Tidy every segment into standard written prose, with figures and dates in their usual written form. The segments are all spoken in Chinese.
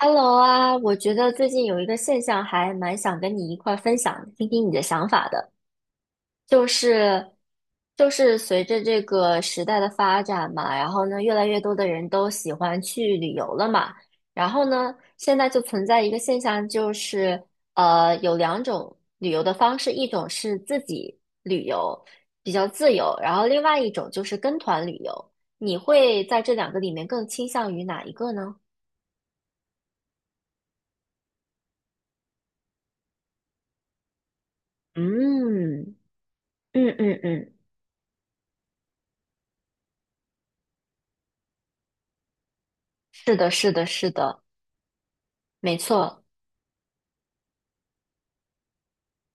Hello 啊，我觉得最近有一个现象还蛮想跟你一块儿分享，听听你的想法的，就是就是随着这个时代的发展嘛，然后呢，越来越多的人都喜欢去旅游了嘛。然后呢，现在就存在一个现象，就是有两种旅游的方式，一种是自己旅游，比较自由，然后另外一种就是跟团旅游，你会在这两个里面更倾向于哪一个呢？嗯。嗯嗯嗯。是的，是的，是的。没错。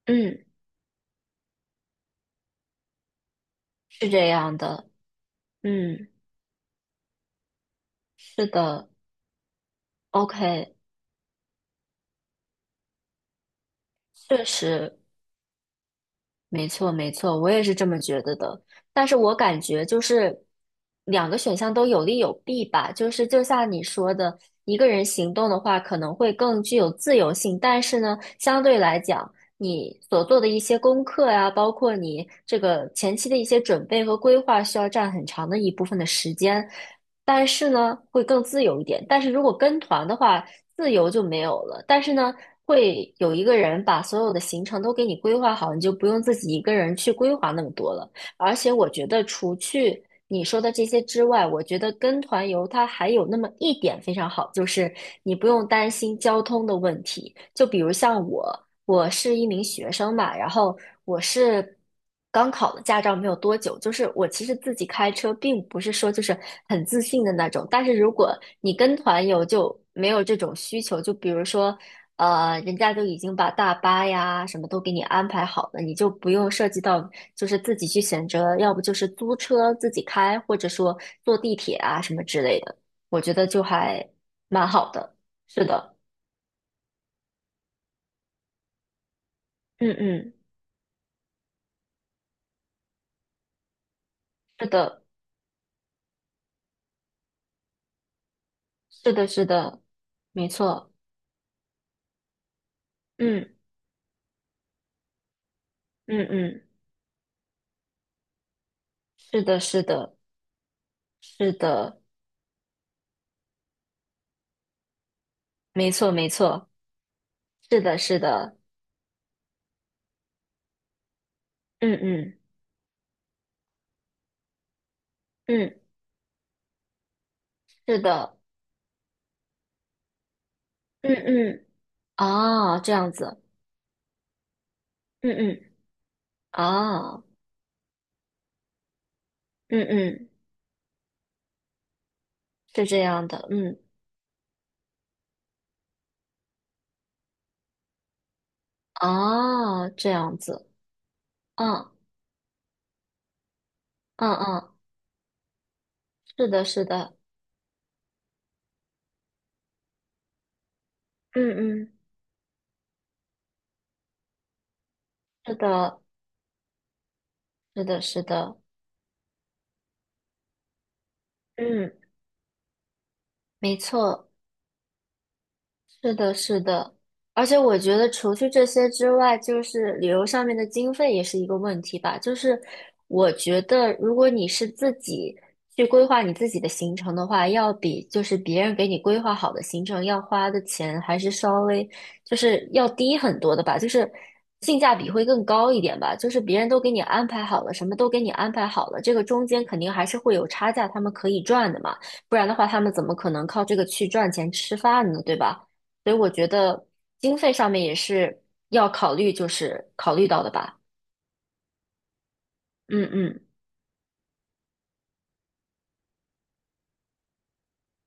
嗯。是这样的。嗯。是的。OK。确实。没错，没错，我也是这么觉得的。但是我感觉就是两个选项都有利有弊吧。就是就像你说的，一个人行动的话可能会更具有自由性，但是呢，相对来讲，你所做的一些功课呀，包括你这个前期的一些准备和规划，需要占很长的一部分的时间。但是呢，会更自由一点。但是如果跟团的话，自由就没有了。但是呢，会有一个人把所有的行程都给你规划好，你就不用自己一个人去规划那么多了。而且我觉得，除去你说的这些之外，我觉得跟团游它还有那么一点非常好，就是你不用担心交通的问题。就比如像我，我是一名学生嘛，然后我是。刚考了驾照没有多久，就是我其实自己开车，并不是说就是很自信的那种。但是如果你跟团游，就没有这种需求。就比如说人家都已经把大巴呀什么都给你安排好了，你就不用涉及到就是自己去选择，要不就是租车自己开，或者说坐地铁啊什么之类的，我觉得就还蛮好的。是的。嗯嗯。是的，是的，是的。没错。嗯嗯嗯。是的，是的，是的。没错，没错。是的，是的。嗯嗯嗯。是的。嗯嗯。啊，这样子。嗯嗯。啊。嗯嗯。是这样的，嗯。啊，这样子。嗯嗯嗯。是的，是的。嗯嗯。是的，是的，是的。嗯。没错。是的，是的，而且我觉得除去这些之外，就是旅游上面的经费也是一个问题吧。就是我觉得，如果你是自己去规划你自己的行程的话，要比就是别人给你规划好的行程要花的钱还是稍微就是要低很多的吧，就是性价比会更高一点吧。就是别人都给你安排好了，什么都给你安排好了，这个中间肯定还是会有差价，他们可以赚的嘛。不然的话，他们怎么可能靠这个去赚钱吃饭呢，对吧？所以我觉得经费上面也是要考虑，就是考虑到的吧。嗯嗯。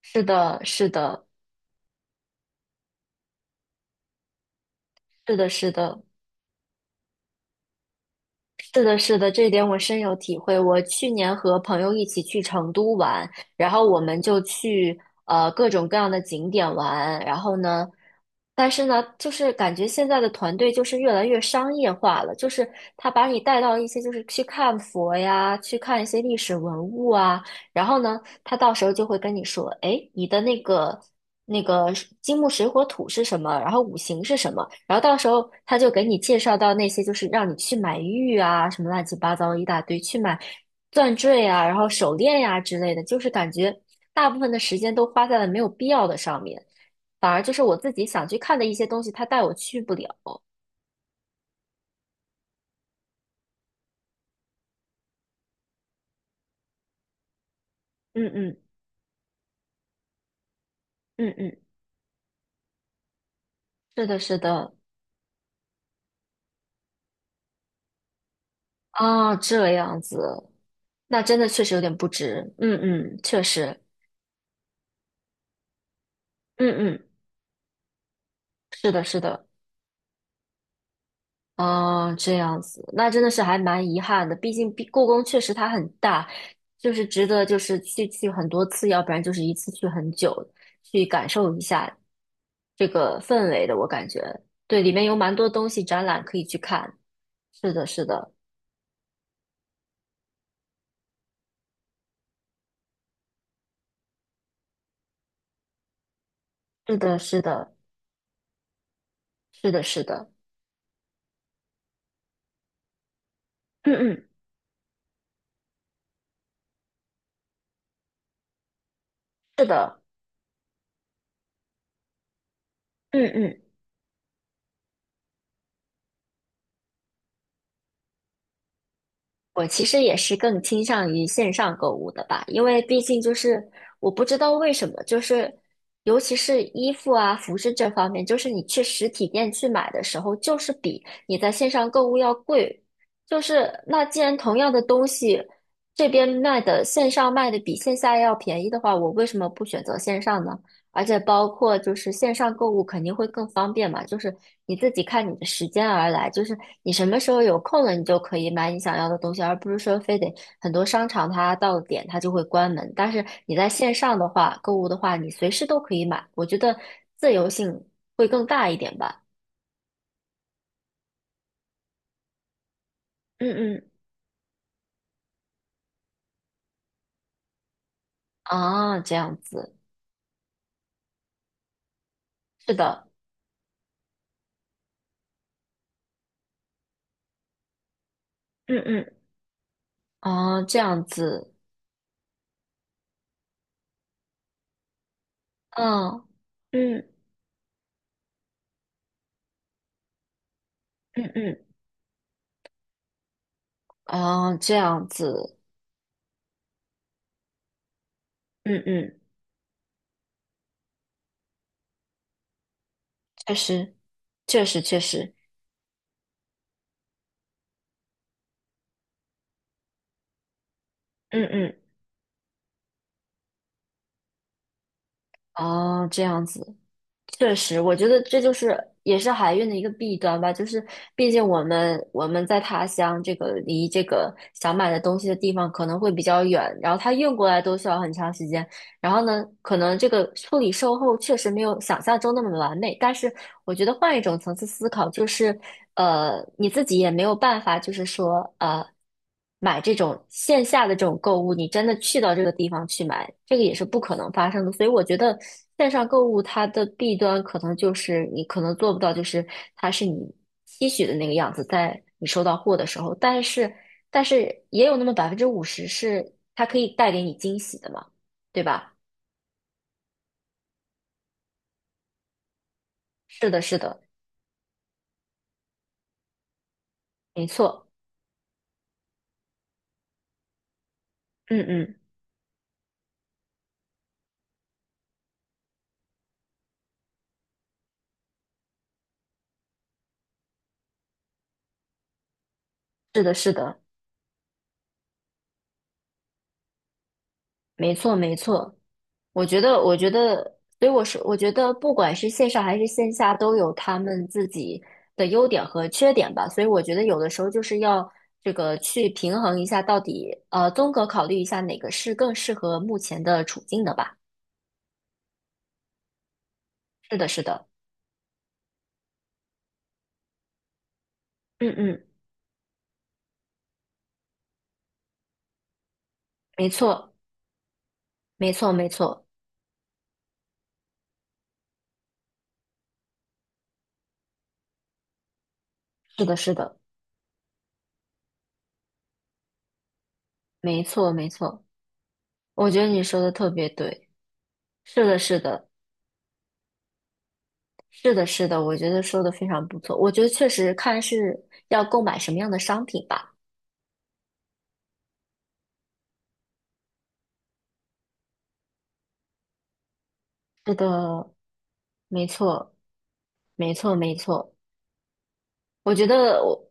是的，是的，是的，是的。是的，是的，这一点我深有体会。我去年和朋友一起去成都玩，然后我们就去各种各样的景点玩，然后呢，但是呢，就是感觉现在的团队就是越来越商业化了，就是他把你带到一些就是去看佛呀，去看一些历史文物啊，然后呢，他到时候就会跟你说，哎，你的那个。那个是金木水火土是什么，然后五行是什么，然后到时候他就给你介绍到那些，就是让你去买玉啊，什么乱七八糟一大堆，去买钻坠啊，然后手链呀、之类的，就是感觉大部分的时间都花在了没有必要的上面，反而就是我自己想去看的一些东西，他带我去不了。嗯嗯嗯嗯。是的，是的。啊，这样子，那真的确实有点不值。嗯嗯，确实。嗯嗯。是的，是的。哦，这样子，那真的是还蛮遗憾的。毕竟故宫确实它很大，就是值得就是去去很多次，要不然就是一次去很久，去感受一下这个氛围的。我感觉对，里面有蛮多东西展览可以去看。是的，是的。是的，是的。是的，是的。嗯嗯。是的。嗯嗯。我其实也是更倾向于线上购物的吧，因为毕竟就是我不知道为什么，就是尤其是衣服啊、服饰这方面，就是你去实体店去买的时候，就是比你在线上购物要贵。就是那既然同样的东西，这边卖的线上卖的比线下要便宜的话，我为什么不选择线上呢？而且包括就是线上购物肯定会更方便嘛，就是你自己看你的时间而来，就是你什么时候有空了，你就可以买你想要的东西，而不是说非得很多商场它到了点它就会关门。但是你在线上的话，购物的话，你随时都可以买，我觉得自由性会更大一点吧。嗯嗯。啊，这样子。是的。嗯嗯。啊，这样子。嗯嗯嗯嗯。啊，这样子。嗯嗯。确实，确实，确实。嗯嗯。哦，这样子。确实，我觉得这就是也是海运的一个弊端吧，就是毕竟我们在他乡这个离这个想买的东西的地方可能会比较远，然后他运过来都需要很长时间，然后呢，可能这个处理售后确实没有想象中那么完美，但是我觉得换一种层次思考，就是你自己也没有办法，就是说买这种线下的这种购物，你真的去到这个地方去买，这个也是不可能发生的。所以我觉得线上购物它的弊端可能就是你可能做不到，就是它是你期许的那个样子，在你收到货的时候，但是也有那么50%是它可以带给你惊喜的嘛，对吧？是的，是的。没错。嗯嗯。是的，是的。没错，没错。我觉得，我觉得，所以我说，我觉得不管是线上还是线下，都有他们自己的优点和缺点吧。所以我觉得有的时候就是要这个去平衡一下，到底综合考虑一下哪个是更适合目前的处境的吧。是的，是的。嗯嗯。没错，没错，没错。是的，是的。没错，没错。我觉得你说的特别对。是的，是的。是的，是的，我觉得说的非常不错。我觉得确实看是要购买什么样的商品吧。是的。没错，没错，没错。我觉得我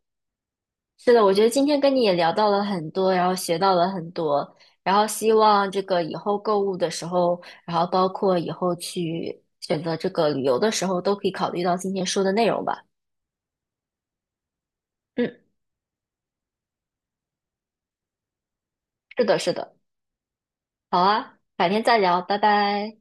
是的，我觉得今天跟你也聊到了很多，然后学到了很多，然后希望这个以后购物的时候，然后包括以后去选择这个旅游的时候，都可以考虑到今天说的内容吧。嗯。是的，是的。好啊，改天再聊，拜拜。